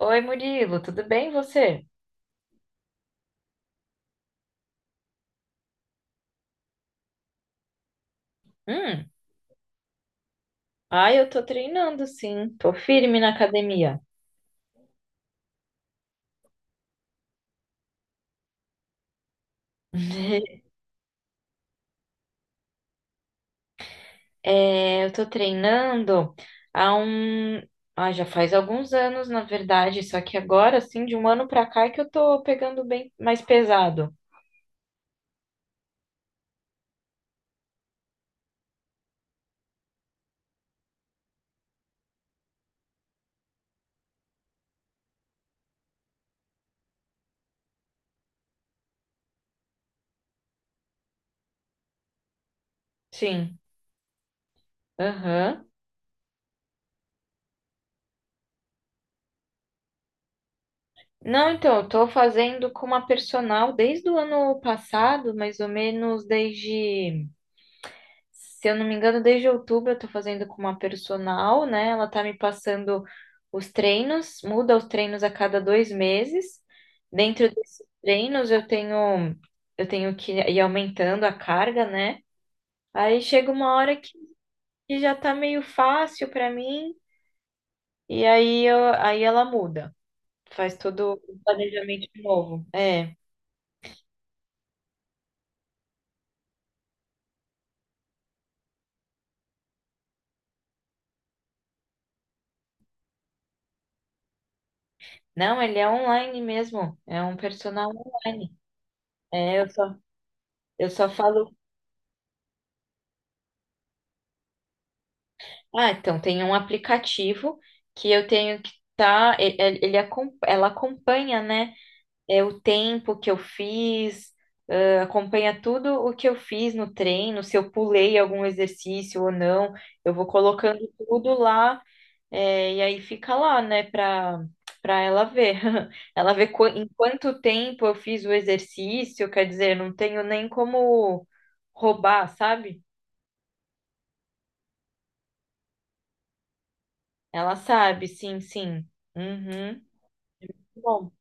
Oi, Murilo, tudo bem você? Hum, ai, eu tô treinando sim, tô firme na academia. Eu tô treinando há um, já faz alguns anos, na verdade, só que agora, assim, de um ano pra cá é que eu tô pegando bem mais pesado. Sim, aham. Não, então, eu tô fazendo com uma personal desde o ano passado, mais ou menos desde se eu não me engano, desde outubro eu tô fazendo com uma personal, né? Ela tá me passando os treinos, muda os treinos a cada dois meses. Dentro desses treinos eu tenho que ir aumentando a carga, né? Aí chega uma hora que já tá meio fácil pra mim e aí ela muda, faz todo o planejamento de novo. Não, ele é online mesmo, é um personal online. É, eu só falo Ah, então tem um aplicativo que eu tenho que tá, ela acompanha, né? É o tempo que eu fiz, ah, acompanha tudo o que eu fiz no treino, se eu pulei algum exercício ou não. Eu vou colocando tudo lá, é, e aí fica lá, né, para ela ver. Em quanto tempo eu fiz o exercício, quer dizer, não tenho nem como roubar, sabe? Ela sabe, sim, sim. Uhum. Bom.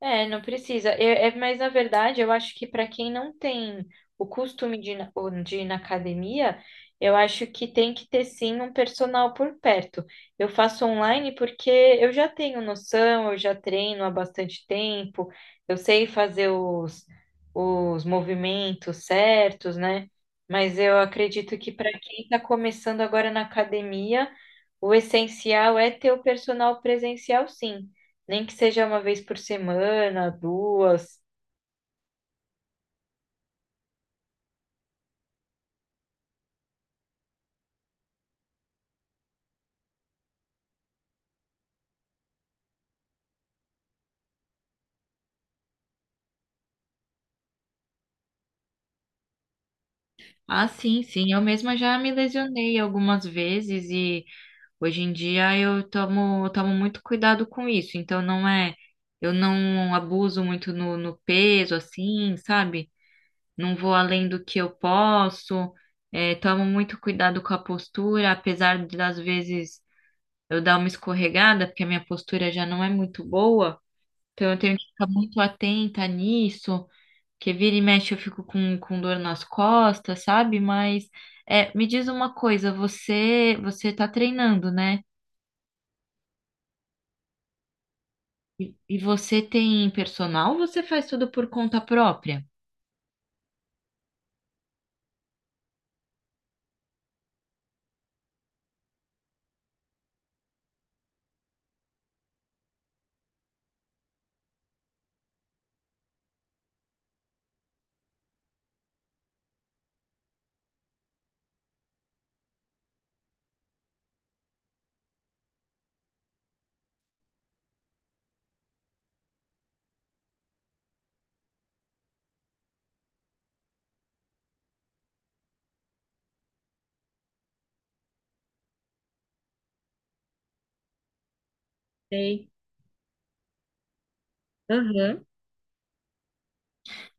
É, não precisa. É, mas na verdade, eu acho que para quem não tem o costume ou de ir na academia, eu acho que tem que ter sim um personal por perto. Eu faço online porque eu já tenho noção, eu já treino há bastante tempo, eu sei fazer os movimentos certos, né? Mas eu acredito que para quem está começando agora na academia, o essencial é ter o personal presencial, sim. Nem que seja uma vez por semana, duas. Ah, sim, sim. Eu mesma já me lesionei algumas vezes e hoje em dia eu tomo muito cuidado com isso. Então não é, eu não abuso muito no peso, assim, sabe? Não vou além do que eu posso. É, tomo muito cuidado com a postura, apesar de, das vezes eu dar uma escorregada, porque a minha postura já não é muito boa. Então eu tenho que ficar muito atenta nisso. Que vira e mexe eu fico com dor nas costas, sabe? Mas é, me diz uma coisa, você tá treinando, né? E você tem personal ou você faz tudo por conta própria? Sei. Aham.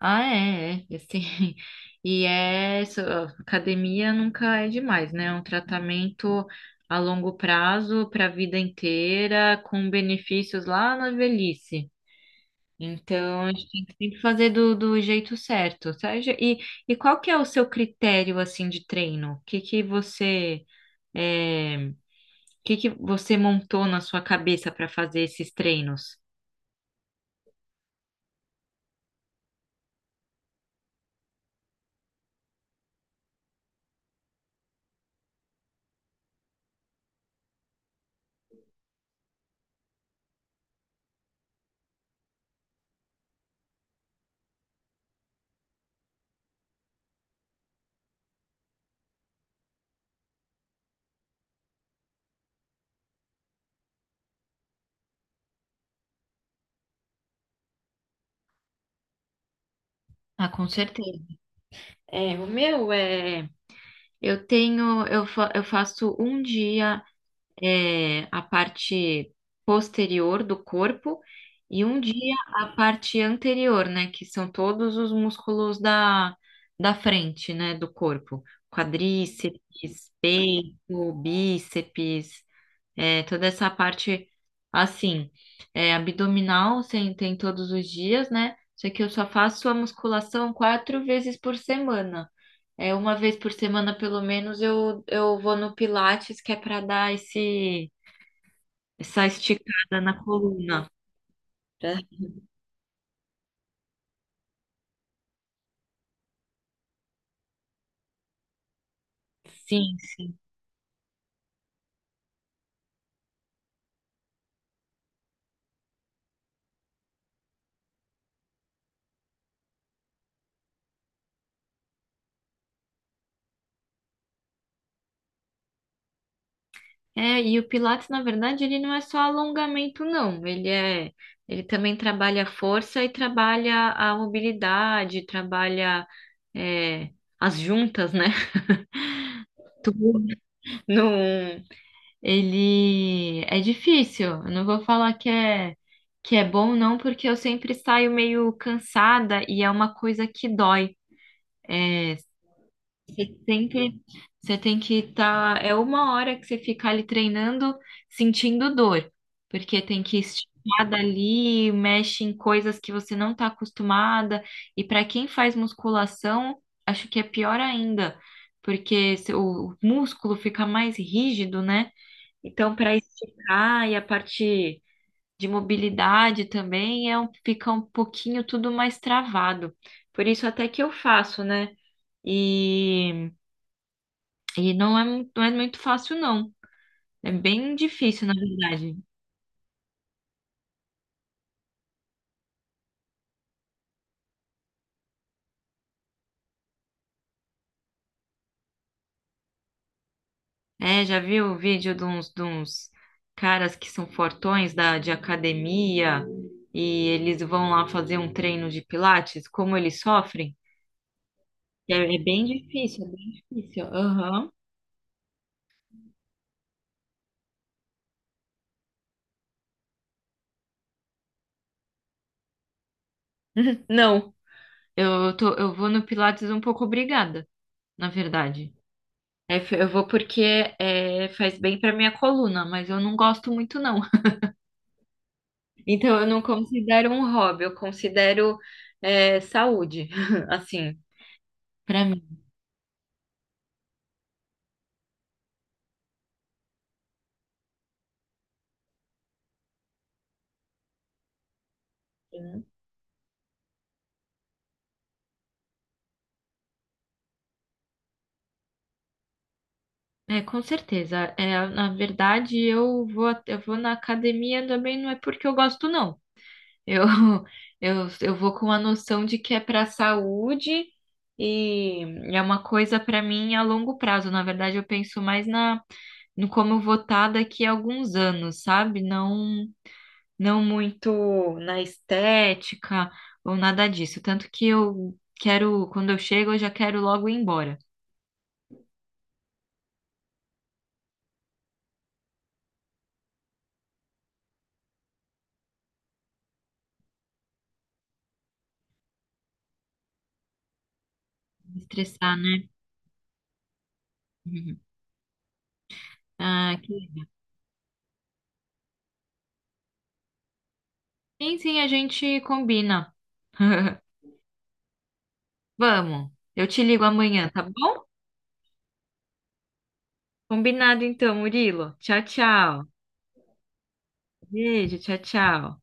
Ah, é, é, assim, e é, so- academia nunca é demais, né? É um tratamento a longo prazo, para a vida inteira, com benefícios lá na velhice. Então, a gente tem que sempre fazer do jeito certo, sabe? E qual que é o seu critério, assim, de treino? O que que você montou na sua cabeça para fazer esses treinos? Ah, com certeza. É, o meu é, eu tenho, eu, fa- Eu faço um dia a parte posterior do corpo e um dia a parte anterior, né? Que são todos os músculos da frente, né? Do corpo. Quadríceps, peito, bíceps, é, toda essa parte assim. É, abdominal sem, tem todos os dias, né? Só que eu só faço a musculação quatro vezes por semana. É, uma vez por semana, pelo menos, eu vou no Pilates, que é para dar essa esticada na coluna. Pra- Sim, sim. É, e o Pilates, na verdade, ele não é só alongamento, não. Ele também trabalha a força e trabalha a mobilidade, trabalha, é, as juntas, né? Tudo. Não, ele é difícil. Eu não vou falar que é bom, não, porque eu sempre saio meio cansada e é uma coisa que dói. É, sempre você tem que estar. É uma hora que você fica ali treinando, sentindo dor, porque tem que esticar dali, mexe em coisas que você não está acostumada. E para quem faz musculação, acho que é pior ainda, porque se- o músculo fica mais rígido, né? Então, para esticar e a parte de mobilidade também fica um pouquinho tudo mais travado. Por isso até que eu faço, né? E não é muito fácil, não. É bem difícil, na verdade. É, já viu o vídeo de uns caras que são fortões de academia e eles vão lá fazer um treino de pilates, como eles sofrem? É, é bem difícil, é bem difícil. Aham. Não, eu tô, eu vou no pilates um pouco obrigada, na verdade. É, eu vou porque é, faz bem para minha coluna, mas eu não gosto muito, não. Então, eu não considero um hobby, eu considero é, saúde, assim, pra mim. Né? É, com certeza. É, na verdade, eu vou na academia também, não é porque eu gosto, não. Eu, eu vou com a noção de que é para saúde e é uma coisa para mim a longo prazo. Na verdade, eu penso mais no como eu vou estar daqui a alguns anos, sabe? Não. Não muito na estética ou nada disso. Tanto que eu quero, quando eu chego, eu já quero logo ir embora. Me estressar, né? Uhum. Ah, que... Sim, sim, a gente combina. Vamos, eu te ligo amanhã, tá bom? Combinado então, Murilo. Tchau, tchau. Beijo, tchau, tchau.